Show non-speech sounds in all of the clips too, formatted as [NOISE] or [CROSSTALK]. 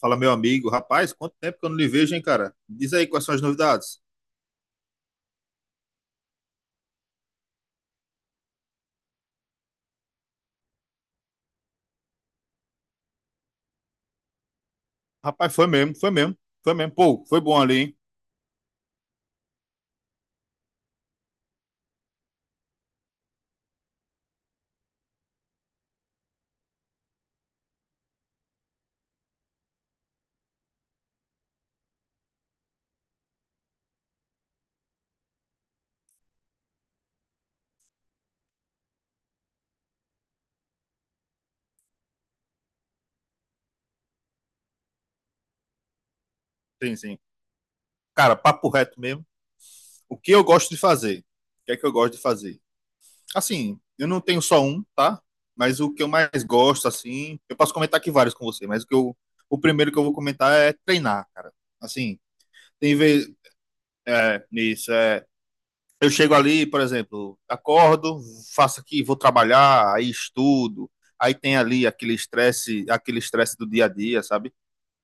Fala, meu amigo. Rapaz, quanto tempo que eu não lhe vejo, hein, cara? Diz aí quais são as novidades. Rapaz, foi mesmo, foi mesmo, foi mesmo. Pô, foi bom ali, hein? Sim, sim. Cara, papo reto mesmo. O que eu gosto de fazer? O que é que eu gosto de fazer? Assim, eu não tenho só um, tá? Mas o que eu mais gosto, assim, eu posso comentar aqui vários com você, o primeiro que eu vou comentar é treinar, cara. Assim, tem vez, nisso, eu chego ali, por exemplo, acordo, faço aqui, vou trabalhar, aí estudo, aí tem ali aquele estresse do dia a dia, sabe?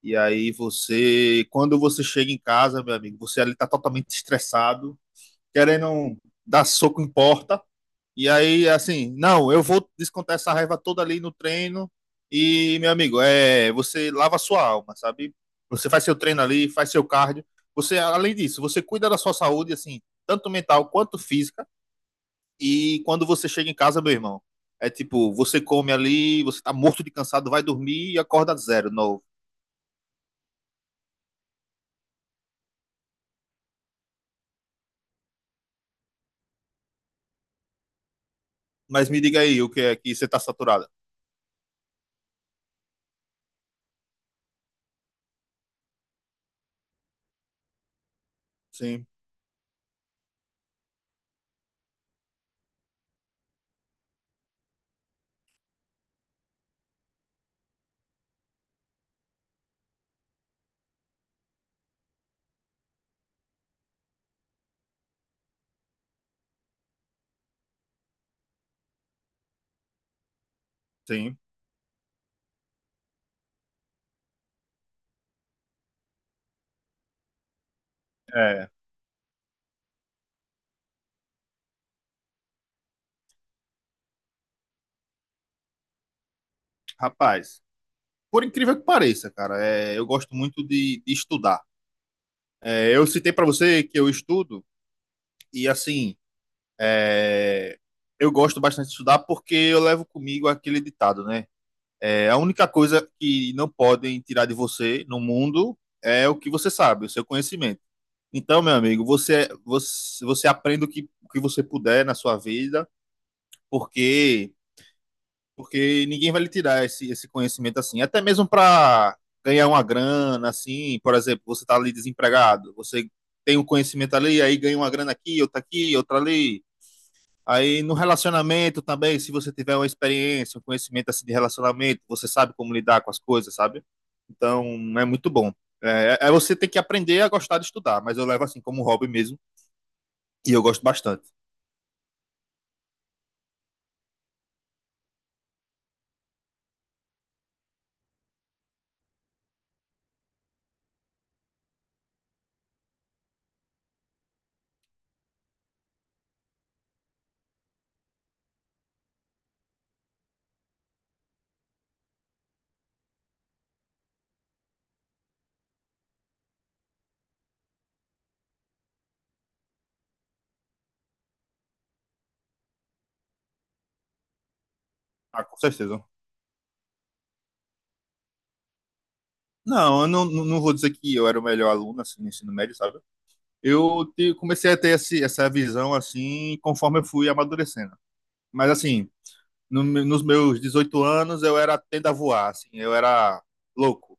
E aí você, quando você chega em casa, meu amigo, você ali tá totalmente estressado, querendo dar soco em porta, e aí assim, não, eu vou descontar essa raiva toda ali no treino, e meu amigo, você lava a sua alma, sabe? Você faz seu treino ali, faz seu cardio, você além disso, você cuida da sua saúde assim, tanto mental quanto física e quando você chega em casa, meu irmão, é tipo, você come ali, você tá morto de cansado, vai dormir e acorda zero, novo. Mas me diga aí o que é que você tá saturada. Sim, sim. É, rapaz, por incrível que pareça, cara, eu gosto muito de estudar. É, eu citei para você que eu estudo e assim, é, eu gosto bastante de estudar porque eu levo comigo aquele ditado, né? É, a única coisa que não podem tirar de você no mundo é o que você sabe, o seu conhecimento. Então, meu amigo, você aprende o que você puder na sua vida, porque porque ninguém vai lhe tirar esse conhecimento assim. Até mesmo para ganhar uma grana, assim, por exemplo, você está ali desempregado, você tem um conhecimento ali, aí ganha uma grana aqui, outra ali. Aí no relacionamento também, se você tiver uma experiência, um conhecimento assim de relacionamento, você sabe como lidar com as coisas, sabe? Então é muito bom. É você tem que aprender a gostar de estudar, mas eu levo assim como hobby mesmo e eu gosto bastante. Ah, com certeza. Não, eu não vou dizer que eu era o melhor aluno assim, no ensino médio, sabe? Eu comecei a ter esse, essa visão assim conforme eu fui amadurecendo. Mas assim, no me- nos meus 18 anos eu era tenda a voar, assim, eu era louco.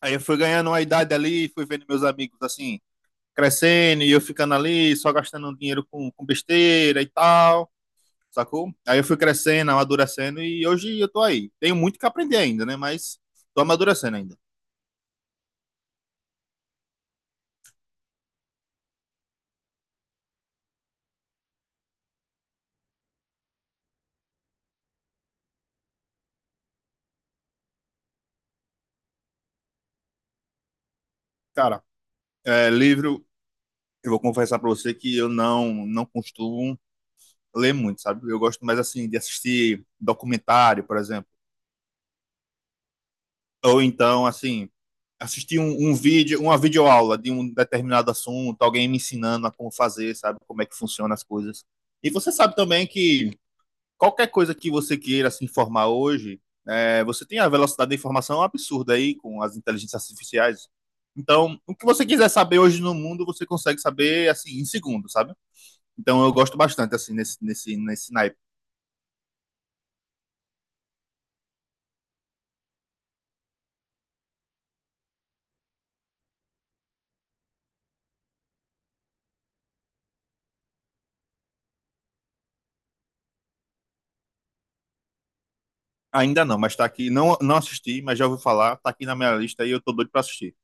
Aí eu fui ganhando uma idade ali, fui vendo meus amigos assim crescendo e eu ficando ali só gastando um dinheiro com besteira e tal, sacou? Aí eu fui crescendo, amadurecendo e hoje eu tô aí. Tenho muito que aprender ainda, né? Mas tô amadurecendo ainda. Cara, livro, eu vou confessar pra você que eu não costumo ler muito, sabe? Eu gosto mais, assim, de assistir documentário, por exemplo. Ou então, assim, assistir um vídeo, uma videoaula de um determinado assunto, alguém me ensinando a como fazer, sabe? Como é que funcionam as coisas. E você sabe também que qualquer coisa que você queira se informar hoje, você tem a velocidade da informação absurda aí com as inteligências artificiais. Então, o que você quiser saber hoje no mundo, você consegue saber, assim, em segundos, sabe? Então eu gosto bastante, assim, nesse naipe. Ainda não, mas tá aqui. Não, não assisti, mas já ouvi falar. Tá aqui na minha lista e eu tô doido pra assistir.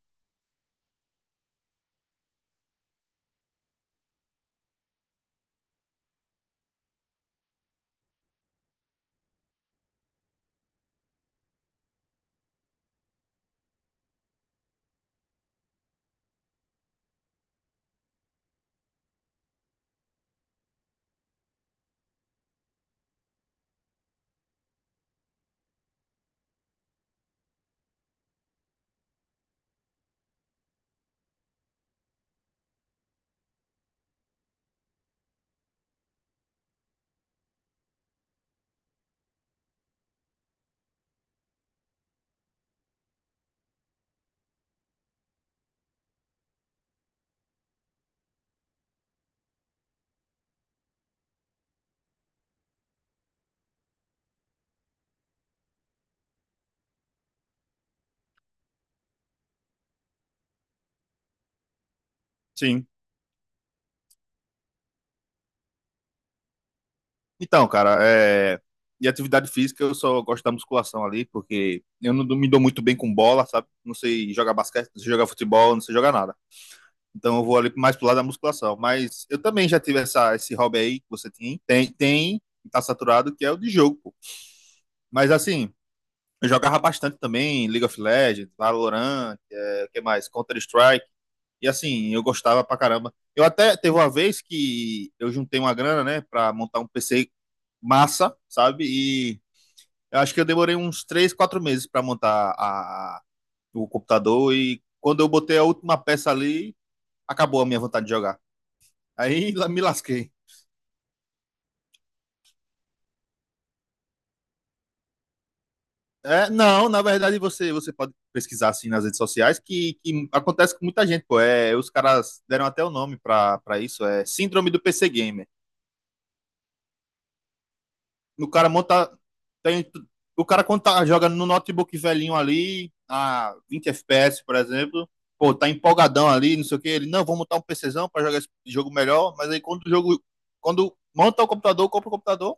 Sim. Então, cara, e atividade física, eu só gosto da musculação ali, porque eu não me dou muito bem com bola, sabe? Não sei jogar basquete, não sei jogar futebol, não sei jogar nada. Então eu vou ali mais pro lado da musculação. Mas eu também já tive essa, esse hobby aí que você tem, tá saturado, que é o de jogo, pô. Mas assim, eu jogava bastante também League of Legends, Valorant, o que mais? Counter-Strike. E assim, eu gostava pra caramba. Eu até teve uma vez que eu juntei uma grana, né, pra montar um PC massa, sabe? E eu acho que eu demorei uns 3 4 meses pra montar o computador. E quando eu botei a última peça ali, acabou a minha vontade de jogar. Aí [LAUGHS] me lasquei. É, não, na verdade você pode pesquisar assim nas redes sociais que acontece com muita gente, pô. É, os caras deram até o nome pra isso, é Síndrome do PC Gamer. O cara monta. Tem, o cara quando tá jogando no notebook velhinho ali, a 20 FPS, por exemplo, pô, tá empolgadão ali, não sei o que. Ele, não, vou montar um PCzão pra jogar esse jogo melhor, mas aí quando o jogo. Quando monta o computador, compra o computador,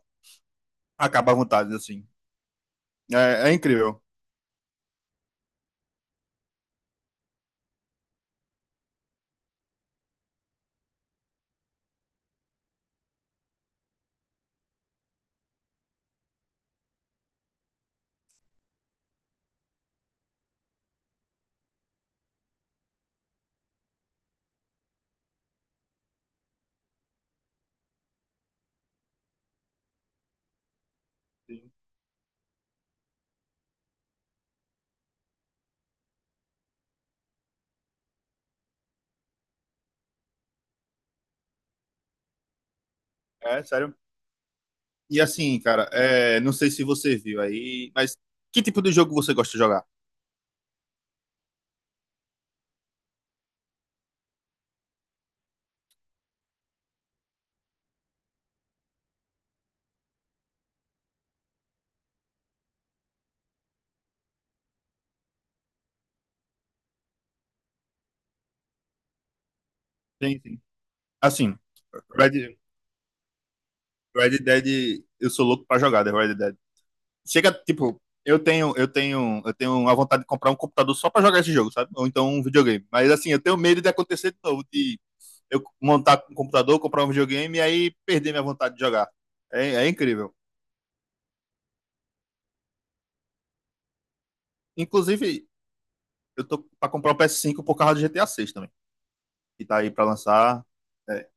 acaba a vontade, assim. É incrível. É, sério. E assim, cara, não sei se você viu aí, mas que tipo de jogo você gosta de jogar? Sim, sim. Assim, Red, Red Dead, eu sou louco pra jogar The Red Dead. Chega, tipo, eu tenho a vontade de comprar um computador só para jogar esse jogo, sabe? Ou então um videogame. Mas assim, eu tenho medo de acontecer de novo, de eu montar um computador, comprar um videogame e aí perder minha vontade de jogar. É incrível. Inclusive, eu tô para comprar o PS5 por causa do GTA 6 também, que tá aí para lançar. É,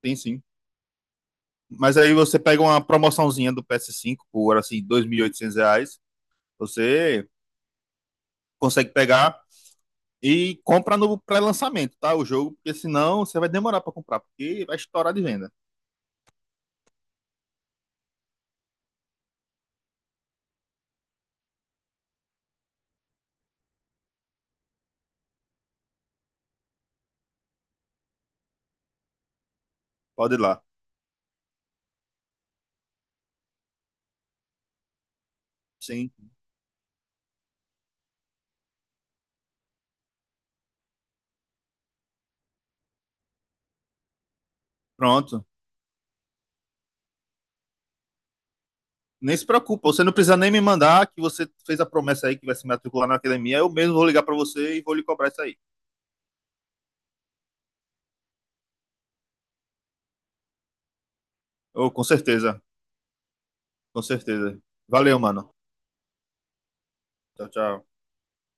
tem sim. Mas aí você pega uma promoçãozinha do PS5 por assim R$ 2.800 você consegue pegar. E compra no pré-lançamento, tá? O jogo, porque senão você vai demorar para comprar, porque vai estourar de venda. Pode ir lá. Sim, pronto. Nem se preocupa, você não precisa nem me mandar que você fez a promessa aí que vai se matricular na academia. Eu mesmo vou ligar para você e vou lhe cobrar isso aí. Oh, com certeza, com certeza. Valeu, mano. Tchau, tchau.